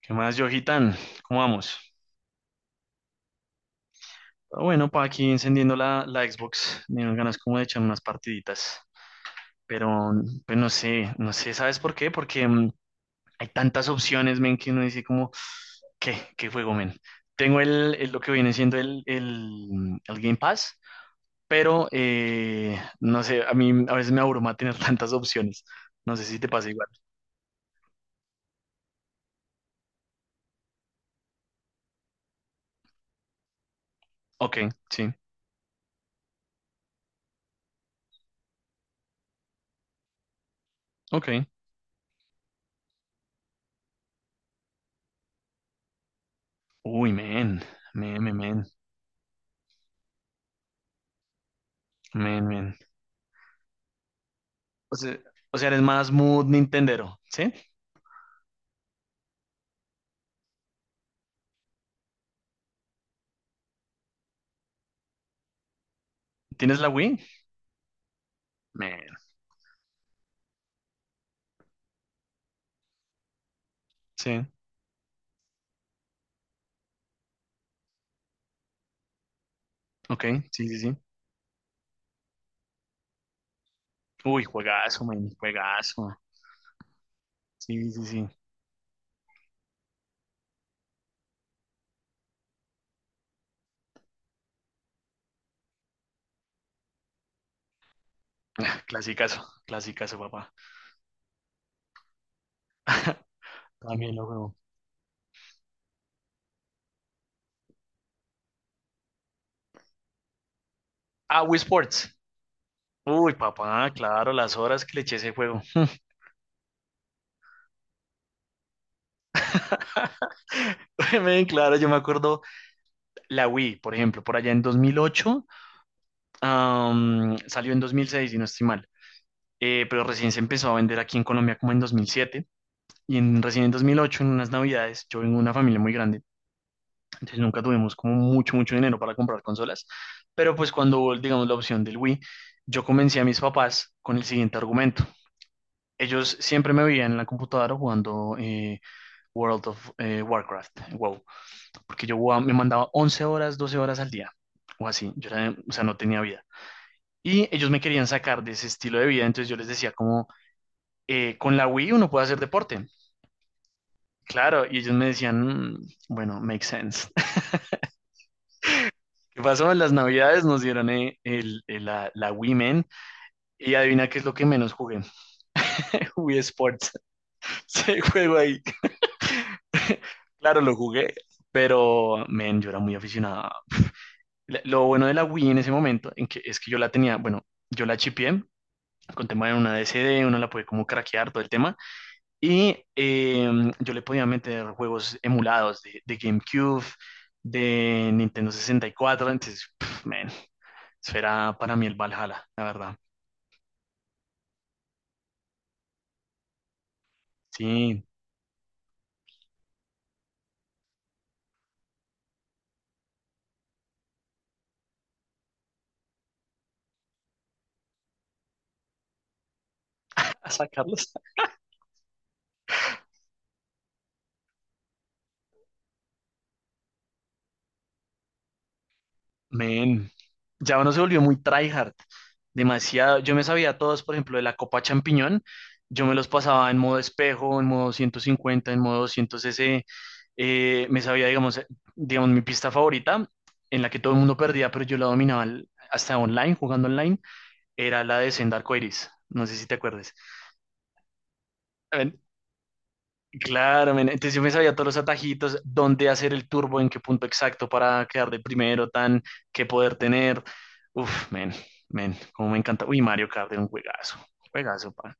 ¿Qué más, Johitan? ¿Cómo vamos? Ah, bueno, pa' aquí encendiendo la Xbox, me dieron ganas como de echar unas partiditas, pero pues no sé, no sé, ¿sabes por qué? Porque hay tantas opciones, men, que uno dice como, ¿qué? ¿Qué juego, men? Tengo lo que viene siendo el Game Pass, pero no sé, a mí a veces me abruma tener tantas opciones, no sé si te pasa igual. Ok, sí, ok. Uy, men, men, men, men, men, men. O sea, o sea, eres más mood Nintendero, ¿sí? ¿Tienes la Wii? Man, sí, ok, sí, sí, sí. Uy, juegazo, man, juegazo. Sí, sí, sí. Ah, clasicazo, clasicazo, papá. También lo juego. Ah, Wii Sports. Uy, papá, claro, las horas que le eché a ese juego. Men, claro, yo me acuerdo la Wii, por ejemplo, por allá en 2008, salió en 2006, si no estoy mal. Pero recién se empezó a vender aquí en Colombia como en 2007. Y recién en 2008, en unas navidades, yo vengo de una familia muy grande, entonces nunca tuvimos como mucho, mucho dinero para comprar consolas, pero pues cuando hubo, digamos, la opción del Wii, yo convencí a mis papás con el siguiente argumento. Ellos siempre me veían en la computadora jugando World of Warcraft, WoW, porque me mandaba 11 horas, 12 horas al día, o así, o sea, no tenía vida. Y ellos me querían sacar de ese estilo de vida, entonces yo les decía como, con la Wii uno puede hacer deporte. Claro, y ellos me decían, "Mm, bueno, makes sense." ¿Qué pasó? En las navidades nos dieron la Wii, men, y adivina qué es lo que menos jugué. Wii Sports. Se juego ahí. Claro, lo jugué, pero men, yo era muy aficionado. Lo bueno de la Wii en ese momento en que, es que yo la tenía, bueno, yo la chipié con tema de una DCD, uno la puede como craquear todo el tema y yo le podía meter juegos emulados de GameCube, de Nintendo 64, entonces, pff, men, eso era para mí el Valhalla, la verdad. Sí, a sacarlos. Men, ya uno se volvió muy tryhard. Demasiado. Yo me sabía todos, por ejemplo, de la Copa Champiñón. Yo me los pasaba en modo espejo, en modo 150, en modo 200 cc. Me sabía, digamos, mi pista favorita, en la que todo el mundo perdía, pero yo la dominaba hasta online, jugando online, era la de Senda Arcoiris. No sé si te acuerdes. Claro, men, entonces yo me sabía todos los atajitos, dónde hacer el turbo, en qué punto exacto para quedar de primero, tan, qué poder tener. Uf, men, men, como me encanta. Uy, Mario Kart era un juegazo, juegazo, pa.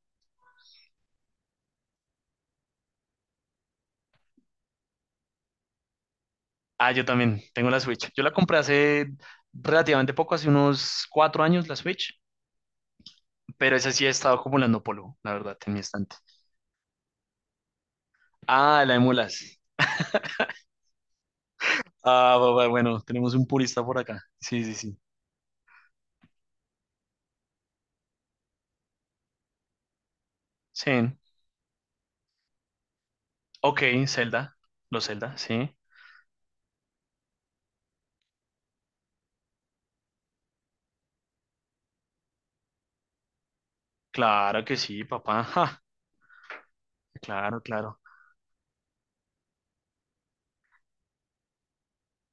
Ah, yo también tengo la Switch. Yo la compré hace relativamente poco, hace unos 4 años la Switch, pero esa sí he estado acumulando polvo, la verdad, en mi estante. Ah, la emulas. Ah, bueno, tenemos un purista por acá. Sí, sí, sí. Sí. Ok, Zelda, los Zelda, sí. Claro que sí, papá. Claro, claro.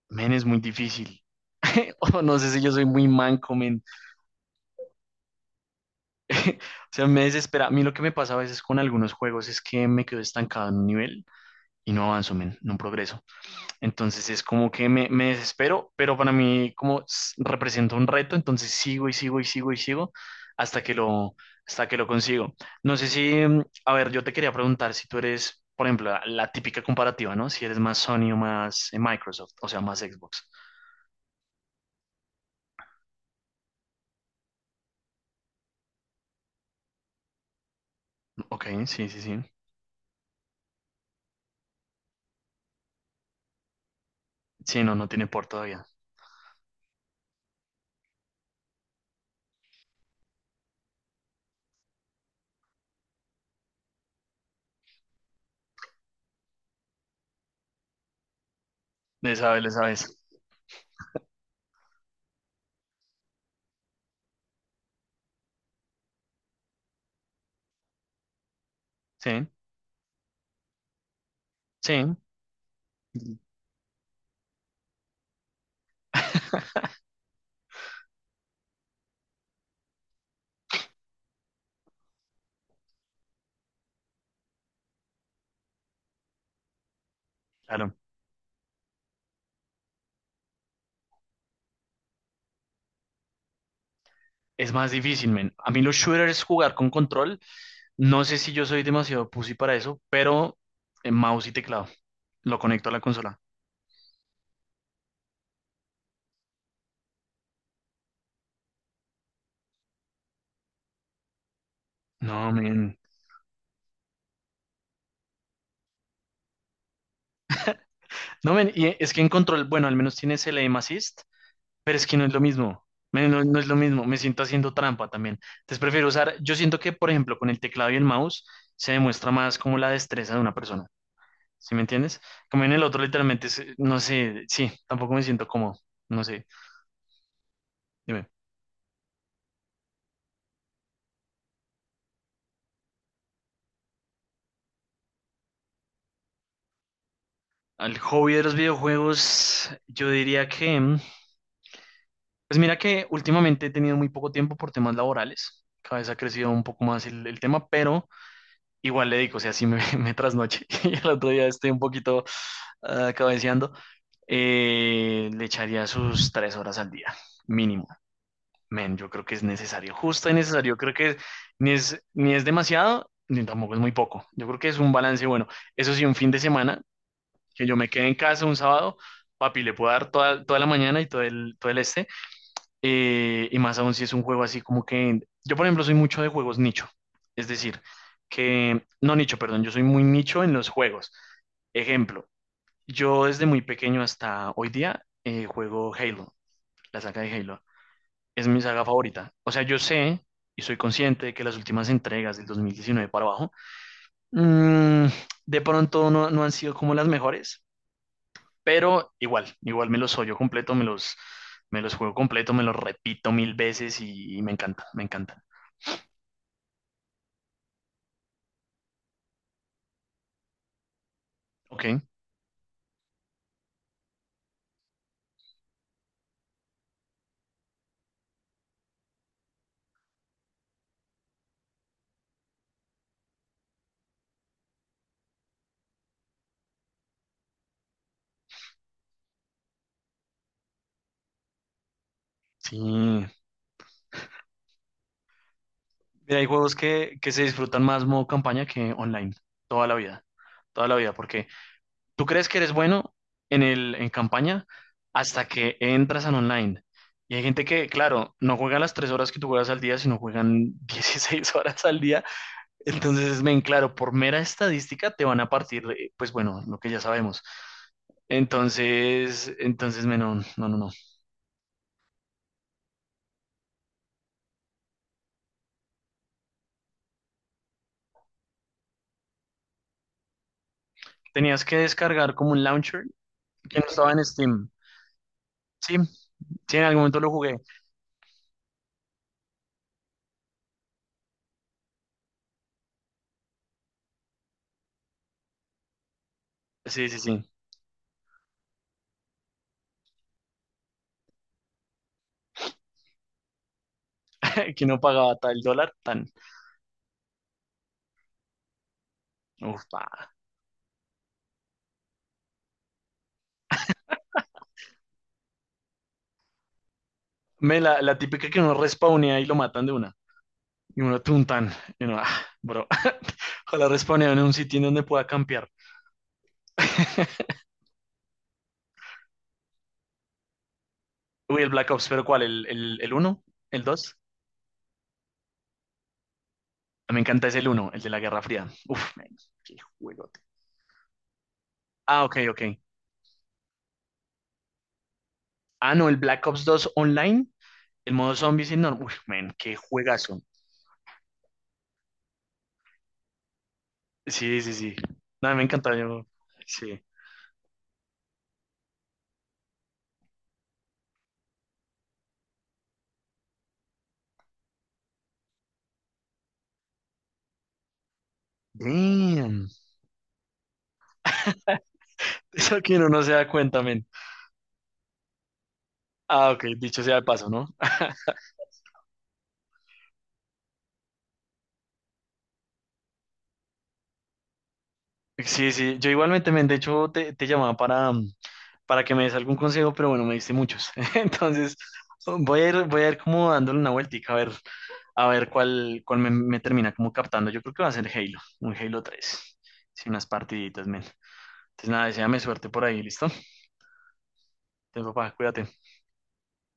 Men, es muy difícil. O no sé si yo soy muy manco, men. O sea, me desespera. A mí lo que me pasa a veces con algunos juegos es que me quedo estancado en un nivel y no avanzo, men, no progreso. Entonces es como que me desespero, pero para mí como representa un reto, entonces sigo y sigo y sigo y sigo hasta que lo, hasta que lo consigo. No sé si, a ver, yo te quería preguntar si tú eres, por ejemplo, la típica comparativa, ¿no? Si eres más Sony o más Microsoft, o sea, más Xbox. Ok, sí, sí, sí. Sí, no, no tiene por todavía. Le sabes, le sabes. Sí, sí, claro. Es más difícil, men. A mí los shooters jugar con control, no sé si yo soy demasiado pussy para eso, pero en mouse y teclado. Lo conecto a la consola. No, men. No, men, y es que en control, bueno, al menos tienes el aim assist, pero es que no es lo mismo. Men, no, no es lo mismo, me siento haciendo trampa también. Entonces prefiero usar, yo siento que, por ejemplo, con el teclado y el mouse se demuestra más como la destreza de una persona. ¿Sí me entiendes? Como en el otro, literalmente, es, no sé, sí, tampoco me siento cómodo. No sé, dime. Al hobby de los videojuegos, yo diría que, pues mira que últimamente he tenido muy poco tiempo por temas laborales. Cada vez ha crecido un poco más el tema, pero igual le digo, o sea, sí me, me trasnoche y el otro día estoy un poquito cabeceando. Le echaría sus 3 horas al día, mínimo. Men, yo creo que es necesario, justo y necesario. Creo que ni es demasiado, ni tampoco es muy poco. Yo creo que es un balance bueno. Eso sí, un fin de semana, que yo me quede en casa un sábado, papi, le puedo dar toda, toda la mañana y todo el este. Y más aún si es un juego así como que... Yo, por ejemplo, soy mucho de juegos nicho. Es decir, que... No nicho, perdón, yo soy muy nicho en los juegos. Ejemplo, yo desde muy pequeño hasta hoy día juego Halo, la saga de Halo es mi saga favorita. O sea, yo sé y soy consciente de que las últimas entregas del 2019 para abajo, mm, de pronto no, no han sido como las mejores, pero igual, igual me los yo completo, me los juego completo, me los repito mil veces y me encanta, me encanta. Ok, sí. Mira, hay juegos que se disfrutan más modo campaña que online, toda la vida, toda la vida, porque tú crees que eres bueno en campaña hasta que entras al online. Y hay gente que, claro, no juega las 3 horas que tú juegas al día, sino juegan 16 horas al día. Entonces, ven, claro, por mera estadística te van a partir, pues bueno, lo que ya sabemos. Entonces, men, no, no, no, no. Tenías que descargar como un launcher que no estaba en Steam. Sí, sí, en algún momento lo jugué. Sí, sí, sí. Que uno pagaba tal dólar, tan. Uf, me la típica que uno respawnea y lo matan de una. Y uno tuntan. Y uno, ah, bro. Ojalá respawneo en un sitio en donde pueda campear. Uy, el Black Ops, pero ¿cuál? ¿El uno? ¿El 2? Me encanta ese el uno el de la Guerra Fría. Uf, man, qué juegote. Ah, ok, ok. Ah, no, el Black Ops 2 online. El modo zombies enorme. Uf, man, qué juegazo. Sí, sí, sí. No, me encanta. Yo... Sí. Damn. Eso que uno no se da cuenta, men. Ah, ok, dicho sea de paso, ¿no? Sí, sí, yo igualmente, men, de hecho te llamaba para, para que me des algún consejo, pero bueno, me diste muchos. Entonces, voy a ir como dándole una vueltica a ver cuál me termina como captando. Yo creo que va a ser Halo, un Halo 3, sí, unas partiditas, men. Entonces, nada, deséame suerte por ahí, ¿listo? Entonces, papá, cuídate.